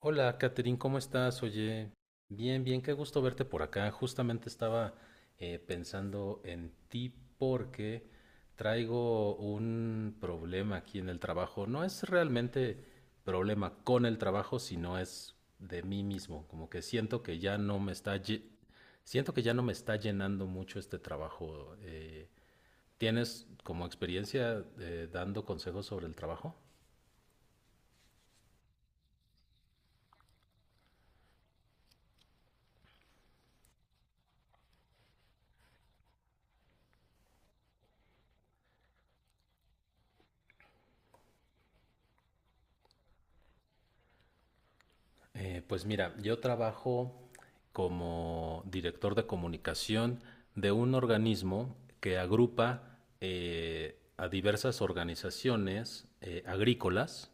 Hola, Catherine, ¿cómo estás? Oye, bien, bien, qué gusto verte por acá. Justamente estaba pensando en ti porque traigo un problema aquí en el trabajo. No es realmente problema con el trabajo, sino es de mí mismo. Como que siento que ya no me está, siento que ya no me está llenando mucho este trabajo. ¿Tienes como experiencia dando consejos sobre el trabajo? Pues mira, yo trabajo como director de comunicación de un organismo que agrupa a diversas organizaciones agrícolas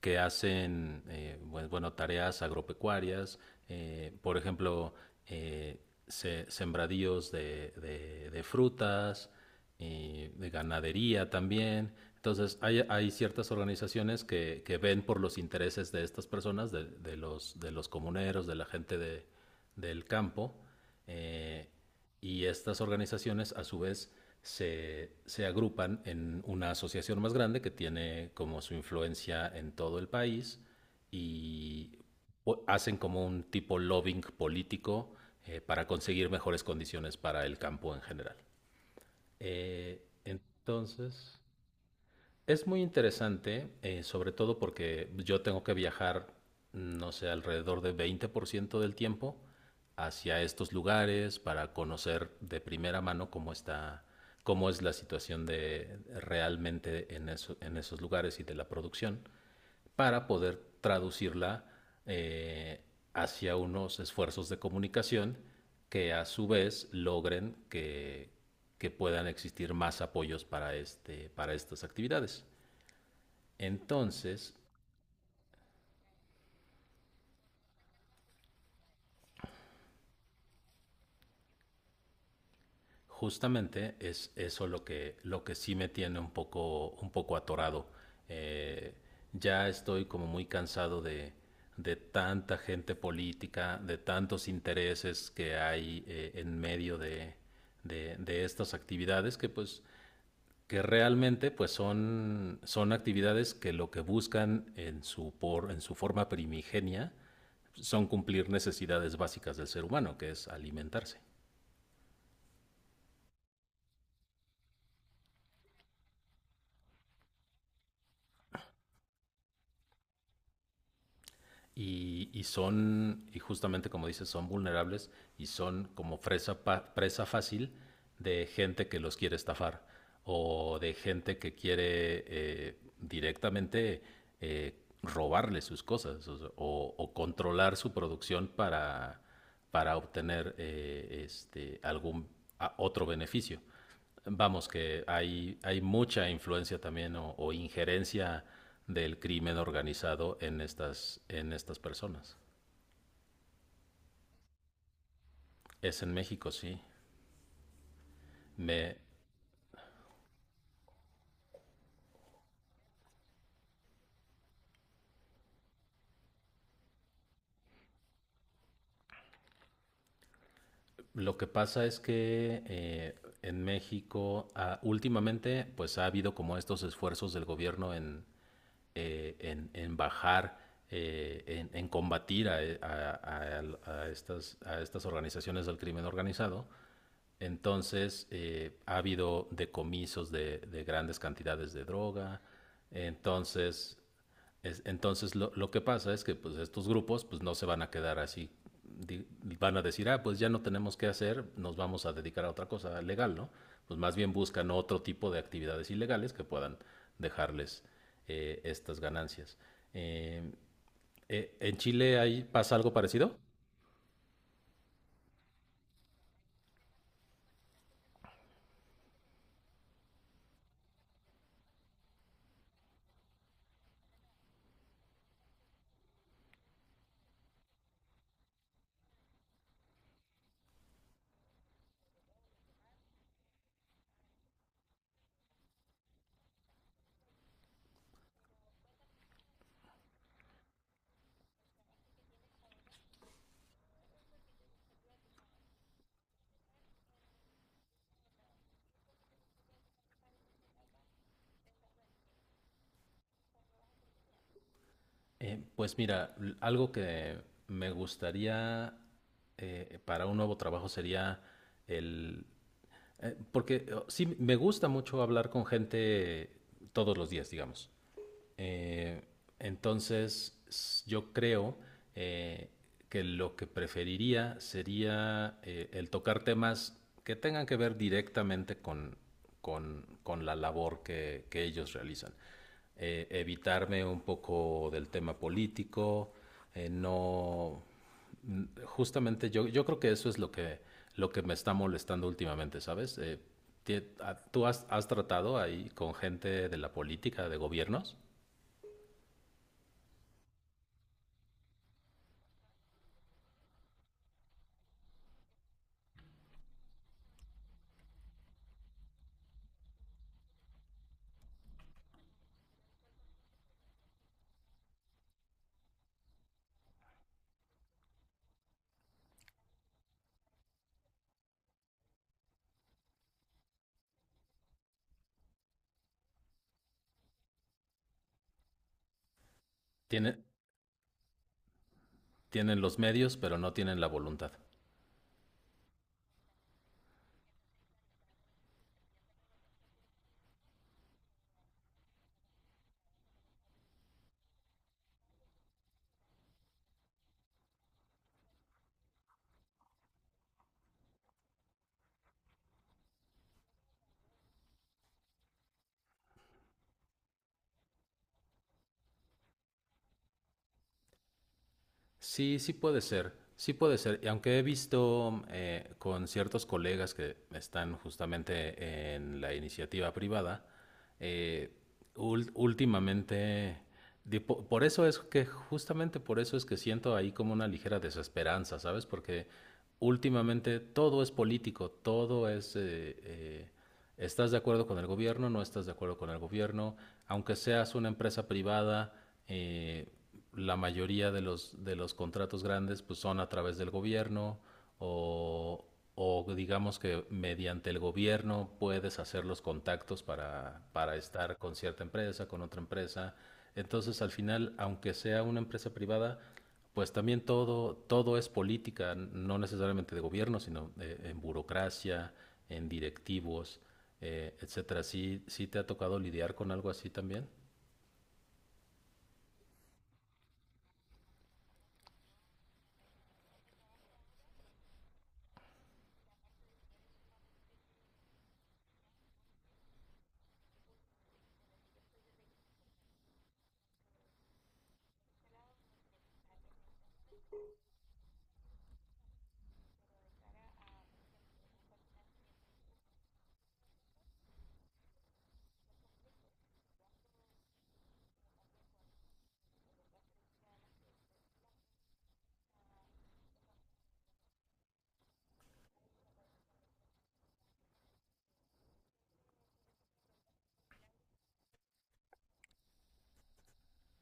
que hacen bueno, bueno, tareas agropecuarias, por ejemplo, eh, sembradíos de, de frutas, de ganadería también. Entonces, hay ciertas organizaciones que ven por los intereses de estas personas, de, de los comuneros, de la gente del campo, eh, y estas organizaciones a su vez se agrupan en una asociación más grande que tiene como su influencia en todo el país y hacen como un tipo lobbying político para conseguir mejores condiciones para el campo en general. Eh, entonces... Es muy interesante, sobre todo porque yo tengo que viajar, no sé, alrededor de 20% del tiempo hacia estos lugares para conocer de primera mano cómo está, cómo es la situación de realmente en, en esos lugares y de la producción, para poder traducirla eh, hacia unos esfuerzos de comunicación que a su vez logren que puedan existir más apoyos para, este, para estas actividades. Entonces, justamente es eso lo lo que sí me tiene un poco atorado. Eh, ya estoy como muy cansado de tanta gente política, de tantos intereses que hay en medio de estas actividades que pues que realmente pues son, son actividades que lo que buscan en su, por, en su forma primigenia son cumplir necesidades básicas del ser humano, que es alimentarse. Y, y son, y justamente como dices, son vulnerables y son como presa, presa fácil de gente que los quiere estafar o de gente que quiere directamente eh, robarle sus cosas o, o controlar su producción para obtener este, algún otro beneficio. Vamos, que hay mucha influencia también o injerencia del crimen organizado en estas personas. Es en México, sí. Me, lo que pasa es que en México últimamente pues ha habido como estos esfuerzos del gobierno en bajar, en combatir a, a estas organizaciones del crimen organizado. Entonces, ha habido decomisos de grandes cantidades de droga. Entonces, entonces lo que pasa es que pues, estos grupos pues, no se van a quedar así. Di- Van a decir, ah, pues ya no tenemos qué hacer, nos vamos a dedicar a otra cosa legal, ¿no? Pues más bien buscan otro tipo de actividades ilegales que puedan dejarles estas ganancias. Eh, ¿En Chile ahí pasa algo parecido? Pues mira, algo que me gustaría para un nuevo trabajo sería el... porque sí, me gusta mucho hablar con gente todos los días, digamos. Eh, entonces, yo creo eh, que lo que preferiría sería el tocar temas que tengan que ver directamente con, con la labor que ellos realizan. Evitarme un poco del tema político, no... mm, Justamente yo, yo creo que eso es lo que me está molestando últimamente, ¿sabes? ¿Tú has, has tratado ahí con gente de la política, de gobiernos? Tiene- Tienen los medios, pero no tienen la voluntad. Sí, sí puede ser, sí puede ser. Y aunque he visto con ciertos colegas que están justamente en la iniciativa privada, eh, últimamente, por eso es que, justamente por eso es que siento ahí como una ligera desesperanza, ¿sabes? Porque últimamente todo es político, todo es... eh, ¿Estás de acuerdo con el gobierno? ¿No estás de acuerdo con el gobierno? Aunque seas una empresa privada, eh, la mayoría de los contratos grandes pues, son a través del gobierno o, o digamos que mediante el gobierno puedes hacer los contactos para estar con cierta empresa, con otra empresa. Entonces, al final, aunque sea una empresa privada, pues también todo, todo es política, no necesariamente de gobierno, sino en burocracia, en directivos, etcétera. ¿Sí, sí te ha tocado lidiar con algo así también?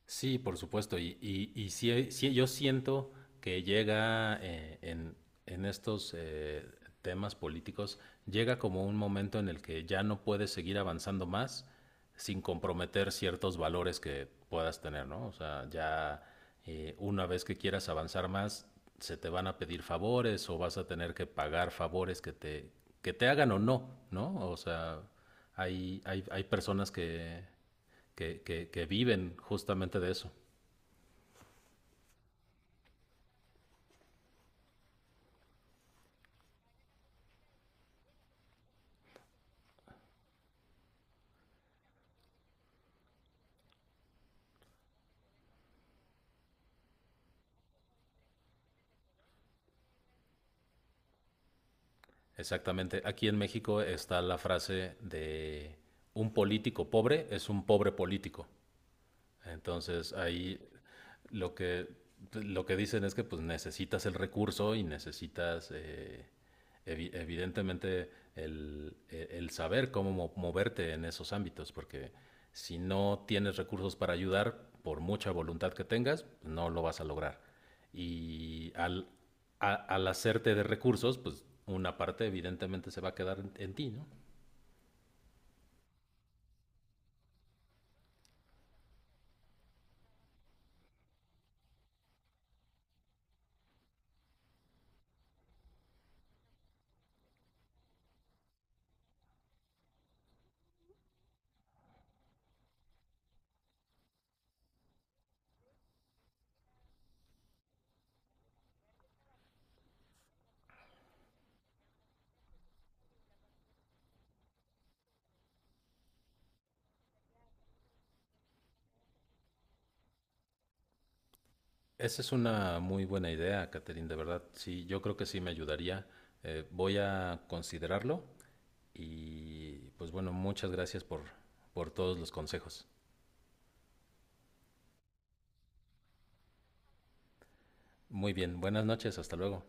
Sí, por supuesto. Y sí, sí, yo siento que llega en estos temas políticos, llega como un momento en el que ya no puedes seguir avanzando más sin comprometer ciertos valores que puedas tener, ¿no? O sea, ya. Una vez que quieras avanzar más, se te van a pedir favores o vas a tener que pagar favores que te hagan o no, ¿no? O sea, hay personas que, que viven justamente de eso. Exactamente. Aquí en México está la frase de un político pobre es un pobre político. Entonces ahí lo que, lo que dicen es que pues necesitas el recurso y necesitas evidentemente el saber cómo moverte en esos ámbitos, porque si no tienes recursos para ayudar, por mucha voluntad que tengas, no lo vas a lograr. Y al hacerte de recursos, pues una parte evidentemente se va a quedar en ti, ¿no? Esa es una muy buena idea, Catherine, de verdad. Sí, yo creo que sí me ayudaría. Voy a considerarlo y pues bueno, muchas gracias por todos los consejos. Muy bien, buenas noches, hasta luego.